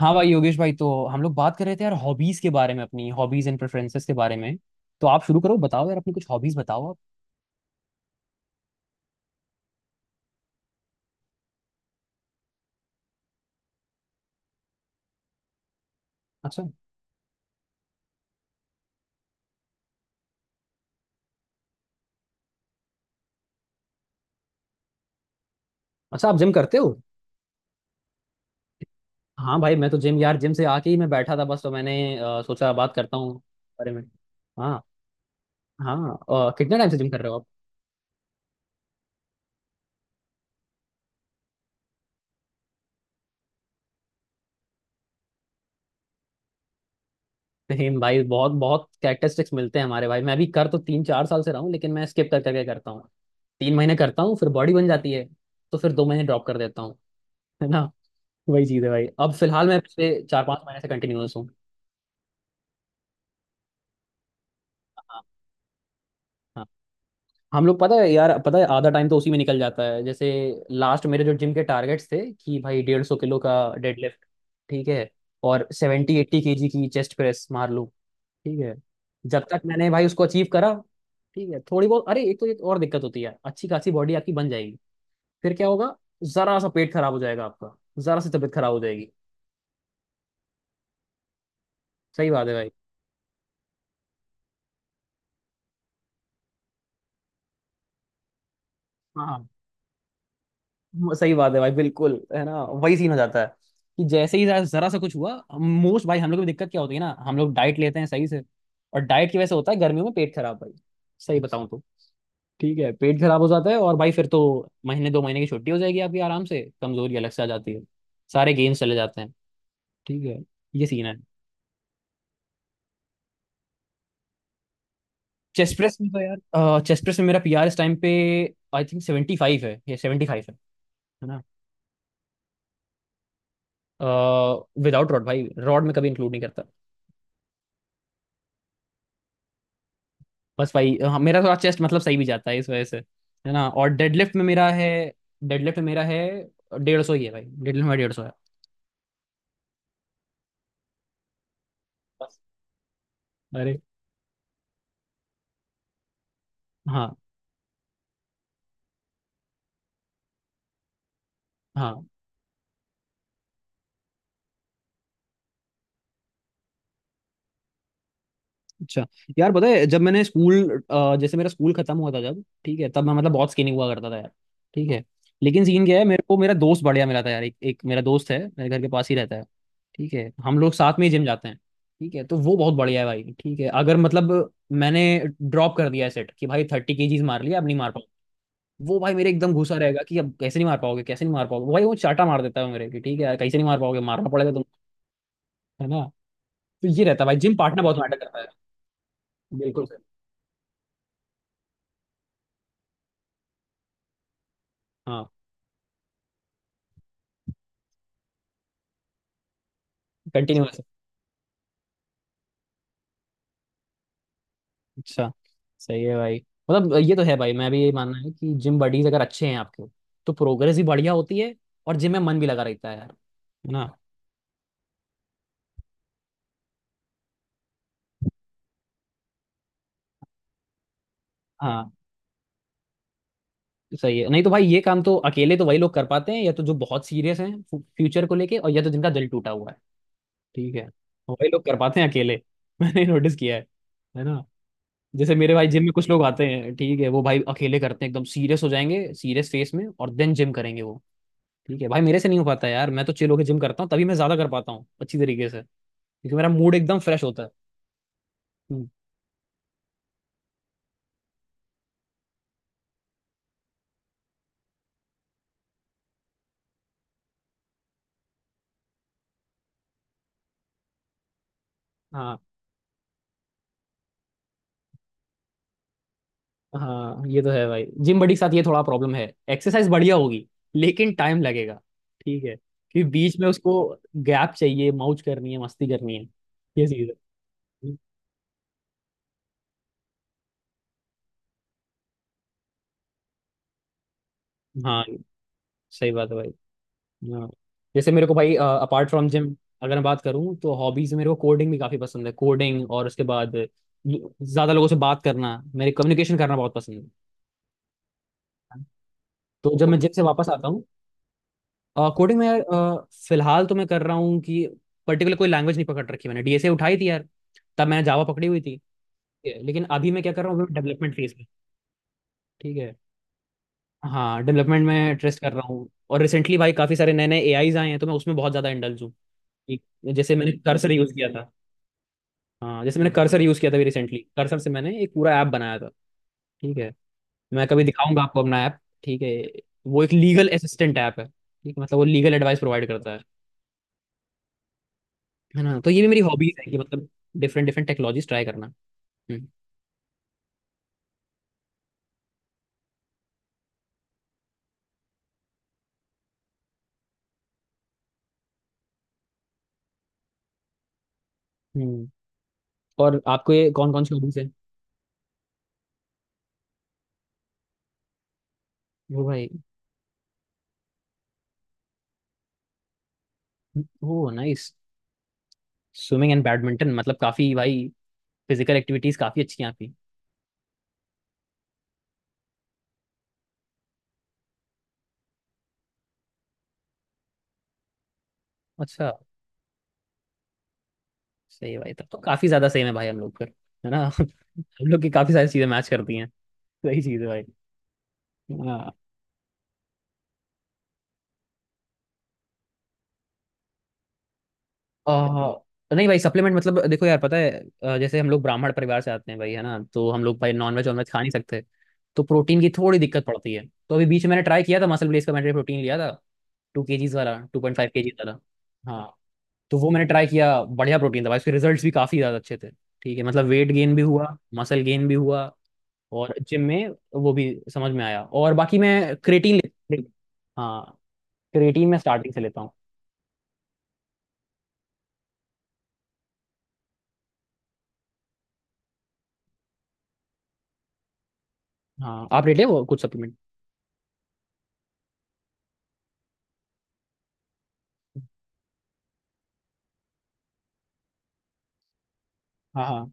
हाँ भाई योगेश भाई, तो हम लोग बात कर रहे थे यार हॉबीज के बारे में, अपनी हॉबीज एंड प्रेफरेंसेस के बारे में। तो आप शुरू करो, बताओ यार अपनी कुछ हॉबीज बताओ आप। अच्छा। अच्छा आप जिम करते हो। हाँ भाई, मैं तो जिम यार जिम से आके ही मैं बैठा था बस, तो मैंने सोचा बात करता हूँ बारे में। हाँ। हाँ कितने टाइम से जिम कर रहे हो आप। सेम भाई, बहुत बहुत कैरेक्टरिस्टिक्स मिलते हैं हमारे। भाई मैं भी कर तो तीन चार साल से रहा हूँ, लेकिन मैं स्किप कर करके करता हूँ। तीन महीने करता हूँ फिर बॉडी बन जाती है, तो फिर दो महीने ड्रॉप कर देता हूँ। है ना। वही चीज़ है भाई, अब फिलहाल मैं पिछले चार पाँच महीने से कंटिन्यूअस हूँ। हाँ हम लोग पता है यार, पता है आधा टाइम तो उसी में निकल जाता है। जैसे लास्ट मेरे जो जिम के टारगेट्स थे कि भाई 150 किलो का डेडलिफ्ट, ठीक है, और 70-80 केजी की चेस्ट प्रेस मार लूँ। ठीक है, जब तक मैंने भाई उसको अचीव करा। ठीक है थोड़ी बहुत, अरे एक तो एक और दिक्कत होती है, अच्छी खासी बॉडी आपकी बन जाएगी, फिर क्या होगा, जरा सा पेट खराब हो जाएगा आपका, जरा सी तबीयत खराब हो जाएगी। सही बात है भाई। हाँ वो सही बात है भाई, बिल्कुल, है ना वही सीन हो जाता है कि जैसे ही जरा जरा सा कुछ हुआ। मोस्ट भाई हम लोग की दिक्कत क्या होती है ना, हम लोग डाइट लेते हैं सही से, और डाइट की वजह से होता है गर्मियों में पेट खराब भाई, सही बताऊं तो। ठीक है पेट खराब हो जाता है और भाई फिर तो महीने दो महीने की छुट्टी हो जाएगी आपकी आराम से, कमजोरी अलग से आ जाती है, सारे गेम्स चले जाते हैं। ठीक है ये सीन है। चेस्ट प्रेस में तो यार चेस्ट प्रेस में मेरा पीआर इस टाइम पे आई थिंक 75 है, ये 75 है ना। विदाउट रॉड भाई, रॉड में कभी इंक्लूड नहीं करता। बस वही, हाँ, मेरा थोड़ा चेस्ट मतलब सही भी जाता है इस वजह से, है ना, और डेडलिफ्ट में मेरा है, डेडलिफ्ट में मेरा है 150 ही है भाई, डेडलिफ्ट में 150 है। बस अरे। हाँ हाँ। अच्छा यार पता है जब मैंने स्कूल जैसे मेरा स्कूल खत्म हुआ था जब, ठीक है, तब मैं मतलब बहुत स्किनी हुआ करता था यार। ठीक है, लेकिन सीन क्या है, मेरे को मेरा दोस्त बढ़िया मिला था यार, एक मेरा दोस्त है मेरे घर के पास ही रहता है। ठीक है हम लोग साथ में ही जिम जाते हैं। ठीक है तो वो बहुत बढ़िया है भाई, ठीक है अगर मतलब मैंने ड्रॉप कर दिया है सेट कि भाई 30 केजीज मार लिया अब नहीं मार, वो भाई मेरे एकदम घुसा रहेगा कि अब कैसे नहीं मार पाओगे, कैसे नहीं मार पाओगे, वो भाई वो चाटा मार देता है मेरे कि ठीक है यार कैसे नहीं मार पाओगे मारना पड़ेगा तुम। है ना। तो ये रहता है भाई जिम पार्टनर बहुत मैटर करता है। बिल्कुल सर। हाँ। कंटिन्यूअस। अच्छा सही है भाई, मतलब ये तो है भाई, मैं भी ये मानना है कि जिम बडीज अगर अच्छे हैं आपके तो प्रोग्रेस भी बढ़िया होती है और जिम में मन भी लगा रहता है यार, है ना। हाँ सही है, नहीं तो भाई ये काम तो अकेले तो वही लोग कर पाते हैं या तो जो बहुत सीरियस हैं फ्यूचर को लेके, और या तो जिनका दिल टूटा हुआ है, ठीक है, और वही लोग कर पाते हैं अकेले मैंने नोटिस किया है ना, जैसे मेरे भाई जिम में कुछ लोग आते हैं, ठीक है, वो भाई अकेले करते हैं, एकदम सीरियस हो जाएंगे सीरियस फेस में, और देन जिम करेंगे वो। ठीक है भाई, मेरे से नहीं हो पाता यार, मैं तो चिल होके जिम करता हूँ तभी मैं ज्यादा कर पाता हूँ अच्छी तरीके से, क्योंकि मेरा मूड एकदम फ्रेश होता है। हम्म। हाँ हाँ ये तो है भाई, जिम बड़ी के साथ ये थोड़ा प्रॉब्लम है, एक्सरसाइज बढ़िया होगी लेकिन टाइम लगेगा। ठीक है, क्योंकि बीच में उसको गैप चाहिए, मौज करनी है मस्ती करनी है, ये चीज है। हाँ सही बात है भाई। हाँ जैसे मेरे को भाई अपार्ट फ्रॉम जिम अगर मैं बात करूँ तो हॉबीज मेरे को कोडिंग भी काफी पसंद है, कोडिंग, और उसके बाद ज्यादा लोगों से बात करना, मेरे कम्युनिकेशन करना बहुत पसंद है। तो जब मैं जिम से वापस आता हूँ कोडिंग में यार फिलहाल तो मैं कर रहा हूँ कि पर्टिकुलर कोई लैंग्वेज नहीं पकड़ रखी, मैंने डीएसए उठाई थी यार, तब मैंने जावा पकड़ी हुई थी। ठीक है, लेकिन अभी मैं क्या कर रहा हूँ डेवलपमेंट फेज में। ठीक है, हाँ डेवलपमेंट में ट्रेस्ट कर रहा हूँ, और रिसेंटली भाई काफी सारे नए नए एआईज आए हैं तो मैं उसमें बहुत ज्यादा इंडल्ज हूँ कि जैसे मैंने कर्सर यूज किया था। हाँ जैसे मैंने कर्सर यूज़ किया था, अभी रिसेंटली कर्सर से मैंने एक पूरा ऐप बनाया था। ठीक है, मैं कभी दिखाऊंगा आपको अपना ऐप, ठीक है, वो एक लीगल असिस्टेंट ऐप है, ठीक है मतलब वो लीगल एडवाइस प्रोवाइड करता है ना, तो ये भी मेरी हॉबीज है कि मतलब डिफरेंट डिफरेंट टेक्नोलॉजीज ट्राई करना। हम्म हम्म। और आपको ये कौन कौन सी हॉबीज है। वो भाई। वो नाइस, स्विमिंग एंड बैडमिंटन मतलब काफ़ी भाई फिजिकल एक्टिविटीज काफ़ी अच्छी हैं आपकी। अच्छा, सही है भाई तब तो काफ़ी ज़्यादा सेम है भाई हम लोग का, है ना हम लोग की काफ़ी सारी चीज़ें मैच करती हैं। सही चीज़ है भाई। हाँ। आ, नहीं भाई सप्लीमेंट मतलब देखो यार पता है जैसे हम लोग ब्राह्मण परिवार से आते हैं भाई, है ना, तो हम लोग भाई नॉनवेज वेज खा नहीं सकते, तो प्रोटीन की थोड़ी दिक्कत पड़ती है, तो अभी बीच में मैंने ट्राई किया था मसल ब्लेस का, मैंने प्रोटीन लिया था 2 केजीज वाला, 2.5 केजीज वाला। हाँ तो वो मैंने ट्राई किया, बढ़िया प्रोटीन था भाई, उसके रिजल्ट्स भी काफी ज्यादा अच्छे थे। ठीक है मतलब वेट गेन भी हुआ मसल गेन भी हुआ और जिम में वो भी समझ में आया, और बाकी मैं क्रेटीन ले, हाँ, क्रेटीन मैं स्टार्टिंग से लेता हूँ। हाँ आप लेते हो कुछ सप्लीमेंट। हाँ हाँ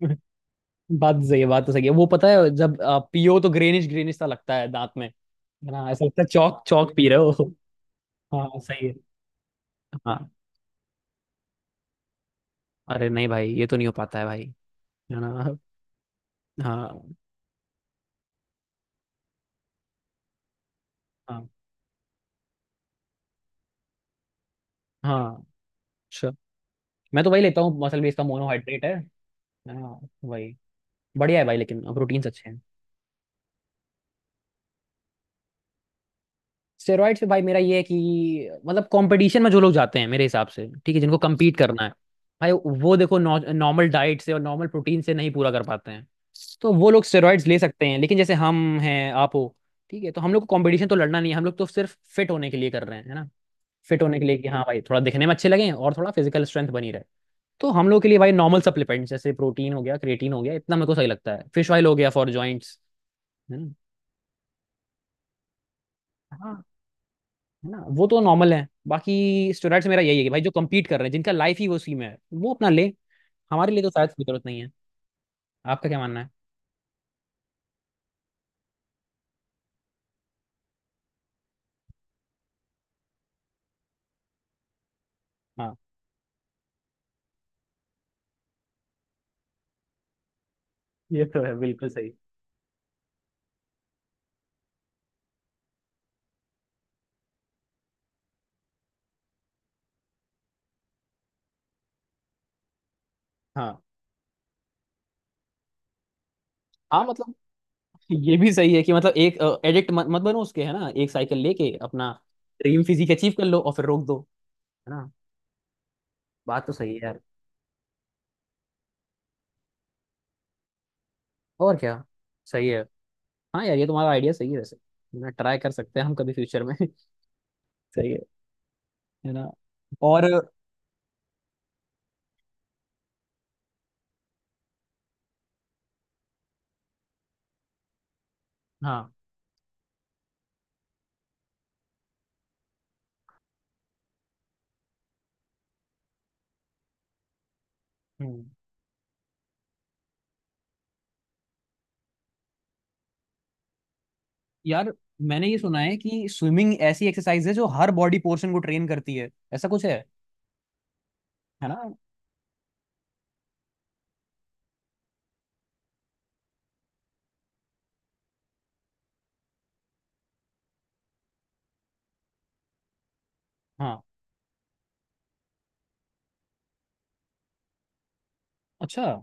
बात सही है, बात तो सही है, वो पता है जब आप पियो तो ग्रेनिश ग्रेनिश सा लगता है दांत में, है ना, ऐसा लगता है चौक चौक पी रहे हो। हाँ सही है। हाँ अरे नहीं भाई ये तो नहीं हो पाता है भाई, है ना। हाँ हाँ हाँ। अच्छा मैं तो वही लेता हूँ मसल बेस का, मोनोहाइड्रेट है। हाँ वही, बढ़िया है भाई, लेकिन प्रोटीन्स अच्छे हैं। स्टेरॉइड से भाई मेरा ये है कि मतलब कंपटीशन में जो लोग जाते हैं मेरे हिसाब से, ठीक है, जिनको कम्पीट करना है भाई, वो देखो नॉर्मल डाइट से और नॉर्मल प्रोटीन से नहीं पूरा कर पाते हैं, तो वो लोग स्टेरॉइड्स ले सकते हैं, लेकिन जैसे हम हैं आप हो, ठीक है, तो हम लोग को कंपटीशन तो लड़ना नहीं है, हम लोग तो सिर्फ फिट होने के लिए कर रहे हैं, है ना, फिट होने के लिए कि हाँ भाई थोड़ा दिखने में अच्छे लगें और थोड़ा फिजिकल स्ट्रेंथ बनी रहे, तो हम लोग के लिए भाई नॉर्मल सप्लीमेंट्स जैसे प्रोटीन हो गया, क्रिएटिन हो गया, इतना मेरे को सही लगता है, फिश ऑयल हो गया फॉर जॉइंट्स, है ना, है ना वो तो नॉर्मल है, बाकी स्टूडेंट्स मेरा यही है कि भाई जो compete कर रहे हैं जिनका लाइफ ही वो उसी में है वो अपना ले, हमारे लिए तो शायद कोई जरूरत नहीं है। आपका क्या मानना है। हाँ ये तो है बिल्कुल सही। हाँ हाँ मतलब ये भी सही है कि मतलब एक एडिक्ट मत बनो उसके, है ना, एक साइकिल लेके अपना ड्रीम फिजिक अचीव कर लो और फिर रोक दो, है ना, बात तो सही है यार, और क्या, सही है, हाँ यार ये तुम्हारा आइडिया सही है वैसे, है ना, ट्राई कर सकते हैं हम कभी फ्यूचर में सही है ना, और हाँ। हम्म। यार मैंने ये सुना है कि स्विमिंग ऐसी एक्सरसाइज है जो हर बॉडी पोर्शन को ट्रेन करती है, ऐसा कुछ है ना, हाँ। अच्छा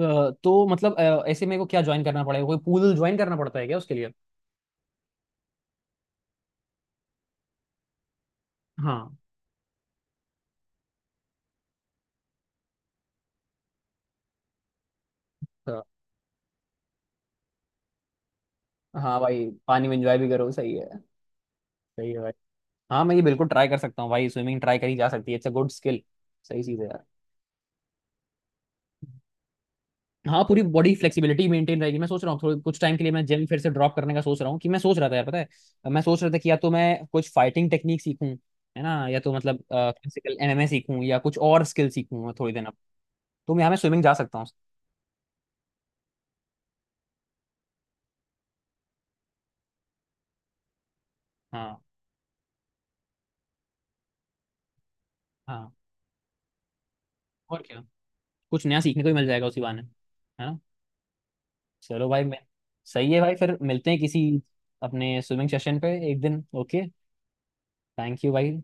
तो मतलब ऐसे मेरे को क्या ज्वाइन करना पड़ेगा, कोई पूल ज्वाइन करना पड़ता है क्या उसके लिए। हाँ तो-, हाँ भाई पानी में एंजॉय भी करो, सही है, सही है भाई। हाँ मैं ये बिल्कुल ट्राई कर सकता हूँ भाई, स्विमिंग ट्राई करी जा सकती है, इट्स अ गुड स्किल। सही चीज़ है यार। हाँ पूरी बॉडी फ्लेक्सिबिलिटी मेंटेन रहेगी। मैं सोच रहा हूँ थोड़े कुछ टाइम के लिए मैं जिम फिर से ड्रॉप करने का सोच रहा हूँ कि मैं सोच रहा था यार, पता है मैं सोच रहा था कि या तो मैं कुछ फाइटिंग टेक्निक सीखूं, है ना, या तो मतलब फिजिकल एमएमए सीखूं या कुछ और स्किल सीखूं थोड़ी देर अब, तो यहाँ मैं स्विमिंग जा सकता हूँ। हाँ हाँ, और क्या, कुछ नया सीखने को भी मिल जाएगा उसी बहाने, है ना, चलो भाई मैं सही है भाई फिर मिलते हैं किसी अपने स्विमिंग सेशन पे एक दिन, ओके, थैंक यू भाई।